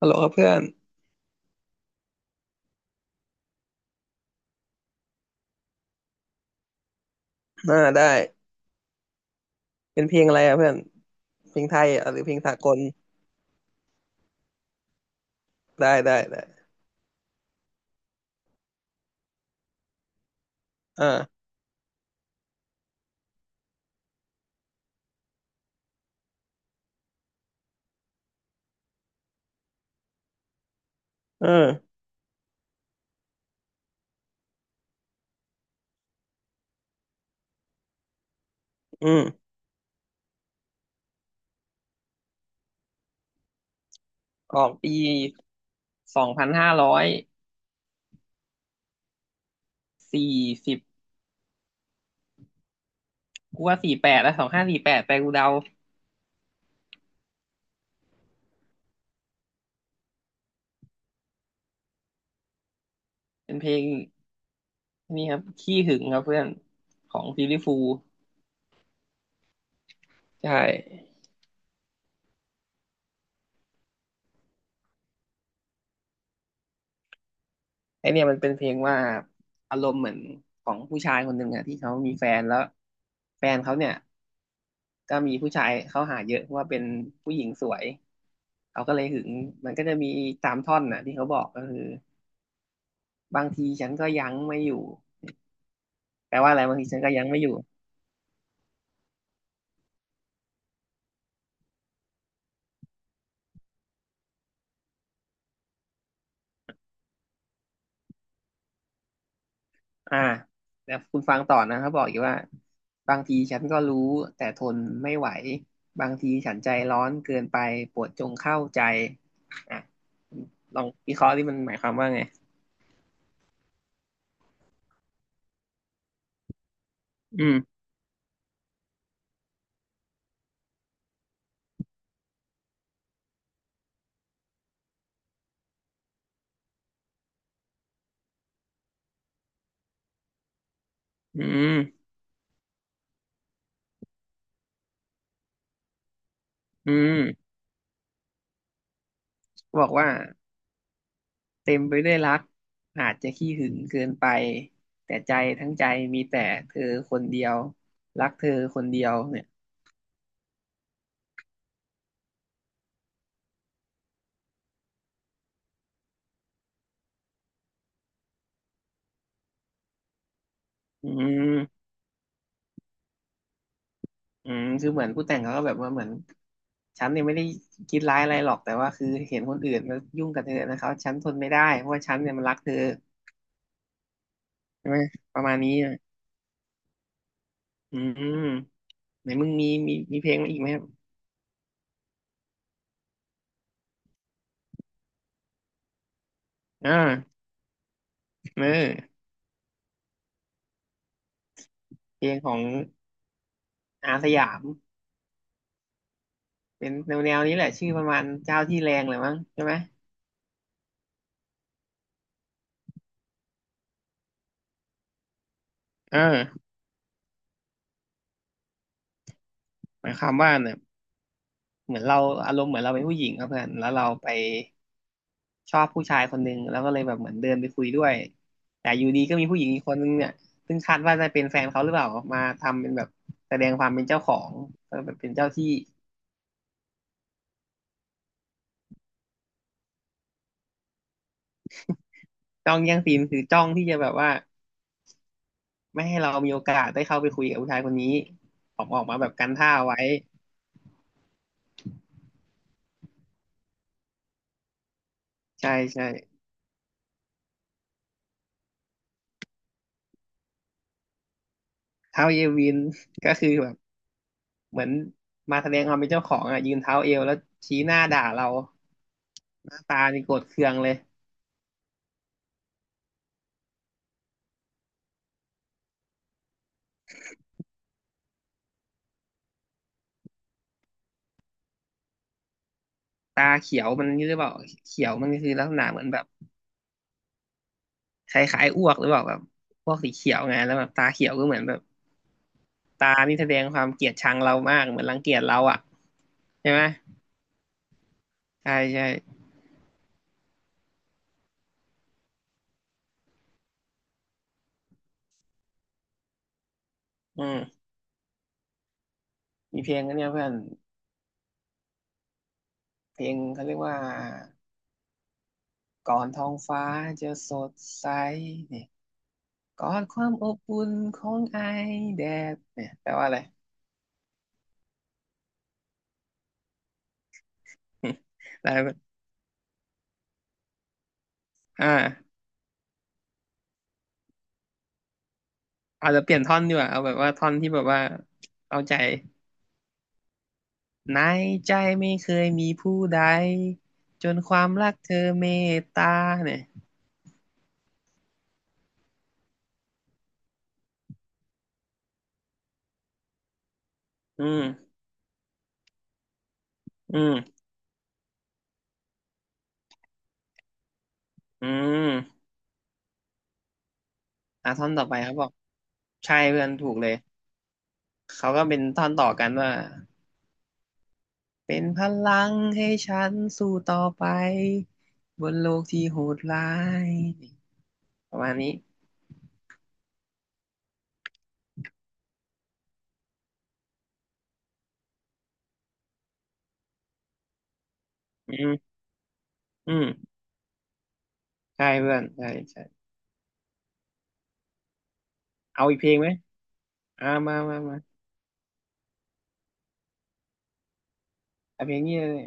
ฮัลโหลครับเพื่อนอ่าได้เป็นเพลงอะไรอ่ะเพื่อนเพลงไทยอ่ะหรือเพลงสากลได้ได้ได้อ่าเอออืมออกปีสองพันห้าร้อยสี่สิบกูว่าสี่แปดแล้วสองห้าสี่แปดไปกูเดาเป็นเพลงนี่ครับขี้หึงครับเพื่อนของฟิลลี่ฟูลส์ใช่ไอเนี่ยมันเป็นเพลงว่าอารมณ์เหมือนของผู้ชายคนหนึ่งอะที่เขามีแฟนแล้วแฟนเขาเนี่ยก็มีผู้ชายเข้าหาเยอะเพราะว่าเป็นผู้หญิงสวย เขาก็เลยหึงมันก็จะมีตามท่อนน่ะที่เขาบอกก็คือบางทีฉันก็ยั้งไม่อยู่แปลว่าอะไรบางทีฉันก็ยั้งไม่อยู่อ่าแล้วคุณฟังต่อนะเขาบอกอีกว่าบางทีฉันก็รู้แต่ทนไม่ไหวบางทีฉันใจร้อนเกินไปโปรดจงเข้าใจอ่ะลองวิเคราะห์ที่มันหมายความว่าไงอืมอืมอืมบอกว่า เต็มไปด้วยรักอาจจะขี้หึงเกินไปแต่ใจทั้งใจมีแต่เธอคนเดียว รักเธอคนเดียวเนี่ยอืมอืมคือเหมือนผู้แต่งเขาก็แบบว่าเหมือนฉันเนี่ยไม่ได้คิดร้ายอะไรหรอกแต่ว่าคือเห็นคนอื่นมายุ่งกับเธอนะครับฉันทนไม่ได้เพราะว่าฉันเนี่ยมันรักเธอใช่ไหมประมาณนี้นะอืมไหนมึงมีเพลงมาอีกไหมครับอ่าเออเพลงของอาสยามเป็นแนวแนวนี้แหละชื่อประมาณเจ้าที่แรงเลยมั้งใช่ไหมเออ หมายความว่าเนี่ยเหมือนเราอารมณ์เหมือนเราเป็นผู้หญิงครับเพื่อนแล้วเราไปชอบผู้ชายคนหนึ่งแล้วก็เลยแบบเหมือนเดินไปคุยด้วยแต่อยู่ดีก็มีผู้หญิงอีกคนนึงเนี่ยซึ่งคาดว่าจะเป็นแฟนเขาหรือเปล่ามาทำเป็นแบบแสดงความเป็นเจ้าของก็แบบเป็นเจ้าที่จ้องแย่งซีนคือจ้องที่จะแบบว่าไม่ให้เรามีโอกาสได้เข้าไปคุยกับผู้ชายคนนี้ออกมาแบบกันท่าไว้ใช่ใช่เท้าเยวินก็คือแบบ เหมือนมาแสดงความเป็นเจ้าของอ่ะยืนเท้าเอวแล้วชี้หน้าด่าเราหน้าตานี่โกรธเคืองเลยตาเขียวมันนี่หรือเปล่าเขียวมันคือลักษณะเหมือนแบบคล้ายๆอ้วกหรือเปล่าแบบพวกสีเขียวไงแล้วแบบตาเขียวก็เหมือนแบบตานี่แสดงความเกลียดชังเรามากเหมือนรังเกียจเราอ่ะใช่ไหมใช่ใช่อืมมีเพลงอันเนี้ยเพื่อนเพลงเขาเรียกว่าก่อนท้องฟ้าจะสดใส กอดความอบอุ่นของไอแดดเนี่ยแปลว่าอะไร แล้ วอ่าอาจจะเปลี่ยนท่อนดีกว่าเอาแบบว่าท่อนที่แบบว่าเอาใจในใจไม่เคยมีผู้ใดจนความรักเธอเมตตาเนี่ย อืม อืมอืมอ่ะท่อนต่อไปเขาบอกใช่เพื่อนถูกเลยเขาก็เป็นท่อนต่อกันว่าเป็นพลังให้ฉันสู้ต่อไปบนโลกที่โหดร้ายประมาณนี้อืม อืมใช่เพื่อนใช่ใช่เอาอีกเพลงไหมอ่ามาเอาเพลงนี้เลย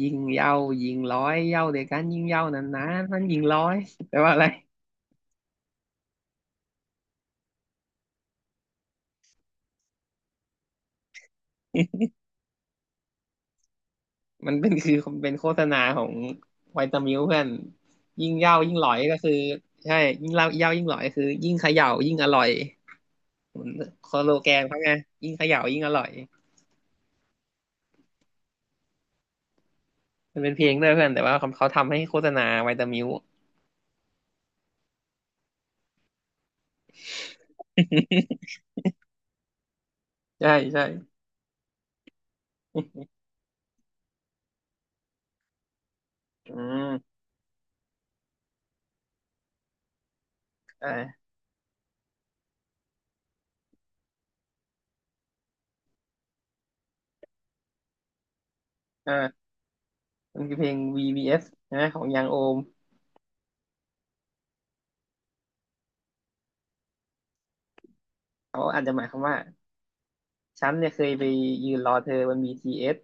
ยิงเหย้ายิงร้อยเหย้าเดียวกันยิงเหย้านานๆมันยิงร้อยแปลว่าอะไรมันเป็นคือเป็นโฆษณาของไวตามิลเพื่อนยิ่งเหย้ายิ่งหลอยก็คือใช่ยิ่งเหล้าเหย้ายิ่งหลอยคือยิ่งเขย่ายิ่งอร่อยเหมือนสโลแกนเขาไงยิ่งเขย่ายิ่งอร่อยมันเป็นเพลงด้วยเพื่อนแต่ว่าเขาทำให้โฆษณาไวตามิล ใช่ใช่อืมใช่ใช่ มันคือเพลง VBS ใช่ไหมของยังโอมเขาอาจจะหมายความว่าฉันเนี่ยเคยไปยืนรอเธอบน BTS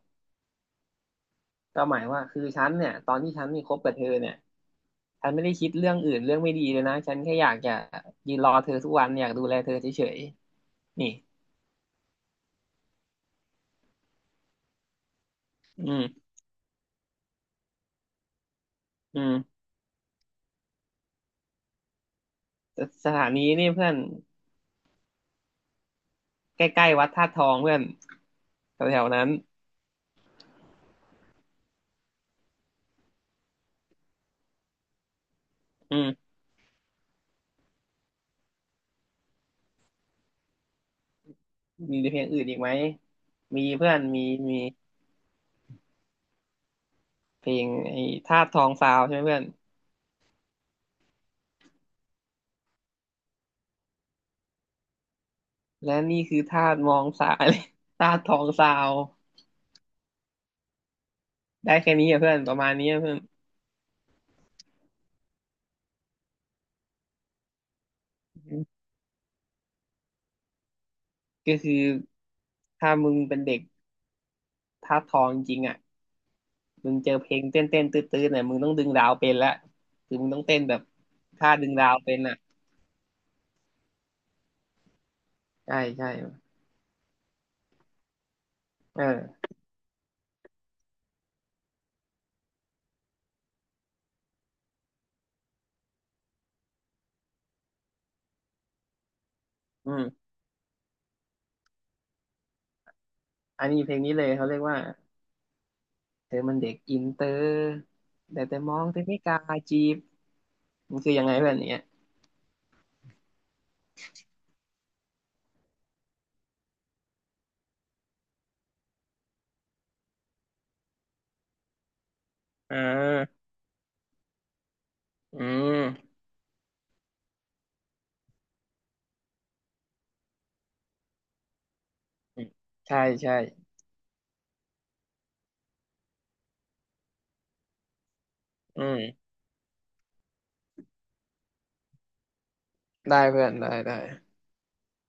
ก็หมายว่าคือฉันเนี่ยตอนที่ฉันมีคบกับเธอเนี่ยฉันไม่ได้คิดเรื่องอื่นเรื่องไม่ดีเลยนะฉันแค่อยากจะยืนรอเธอทุกวันอยากดูแลเธอเฉยๆนี่อืมอืมสสถานีนี่เพื่อนใกล้ๆวัดธาตุทองเพื่อนแถวๆนั้นอืมมีเพลงอื่นอีกไหมมีเพื่อนมีมีเพลงไอ้ธาตุทองซาวใช่ไหมเพื่อน และนี่คือธาตุมองสาเลย ธาตุทองซาวได้แค่นี้อะเพื่อนประมาณนี้อะเพื่อนอืมก็คือถ้ามึงเป็นเด็กธาตุทองจริงๆอ่ะมึงเจอเพลงเต้นตื้อๆเนี่ยมึงต้องดึงดาวเป็นละคือมึงต้องเต้นแบบท่าดึงดาวเป็นอ่ะใช่ใช่เอออืมอันนี้เพลงนี้เลยเขาเรียกว่าเธอมันเด็กอินเตอร์แต่มองแต่ไม่กล้าจีบมันคือยังไงแบบเนี้ยอ่าอืมใช่ใช่อืม ได้เพื่อนได้ได้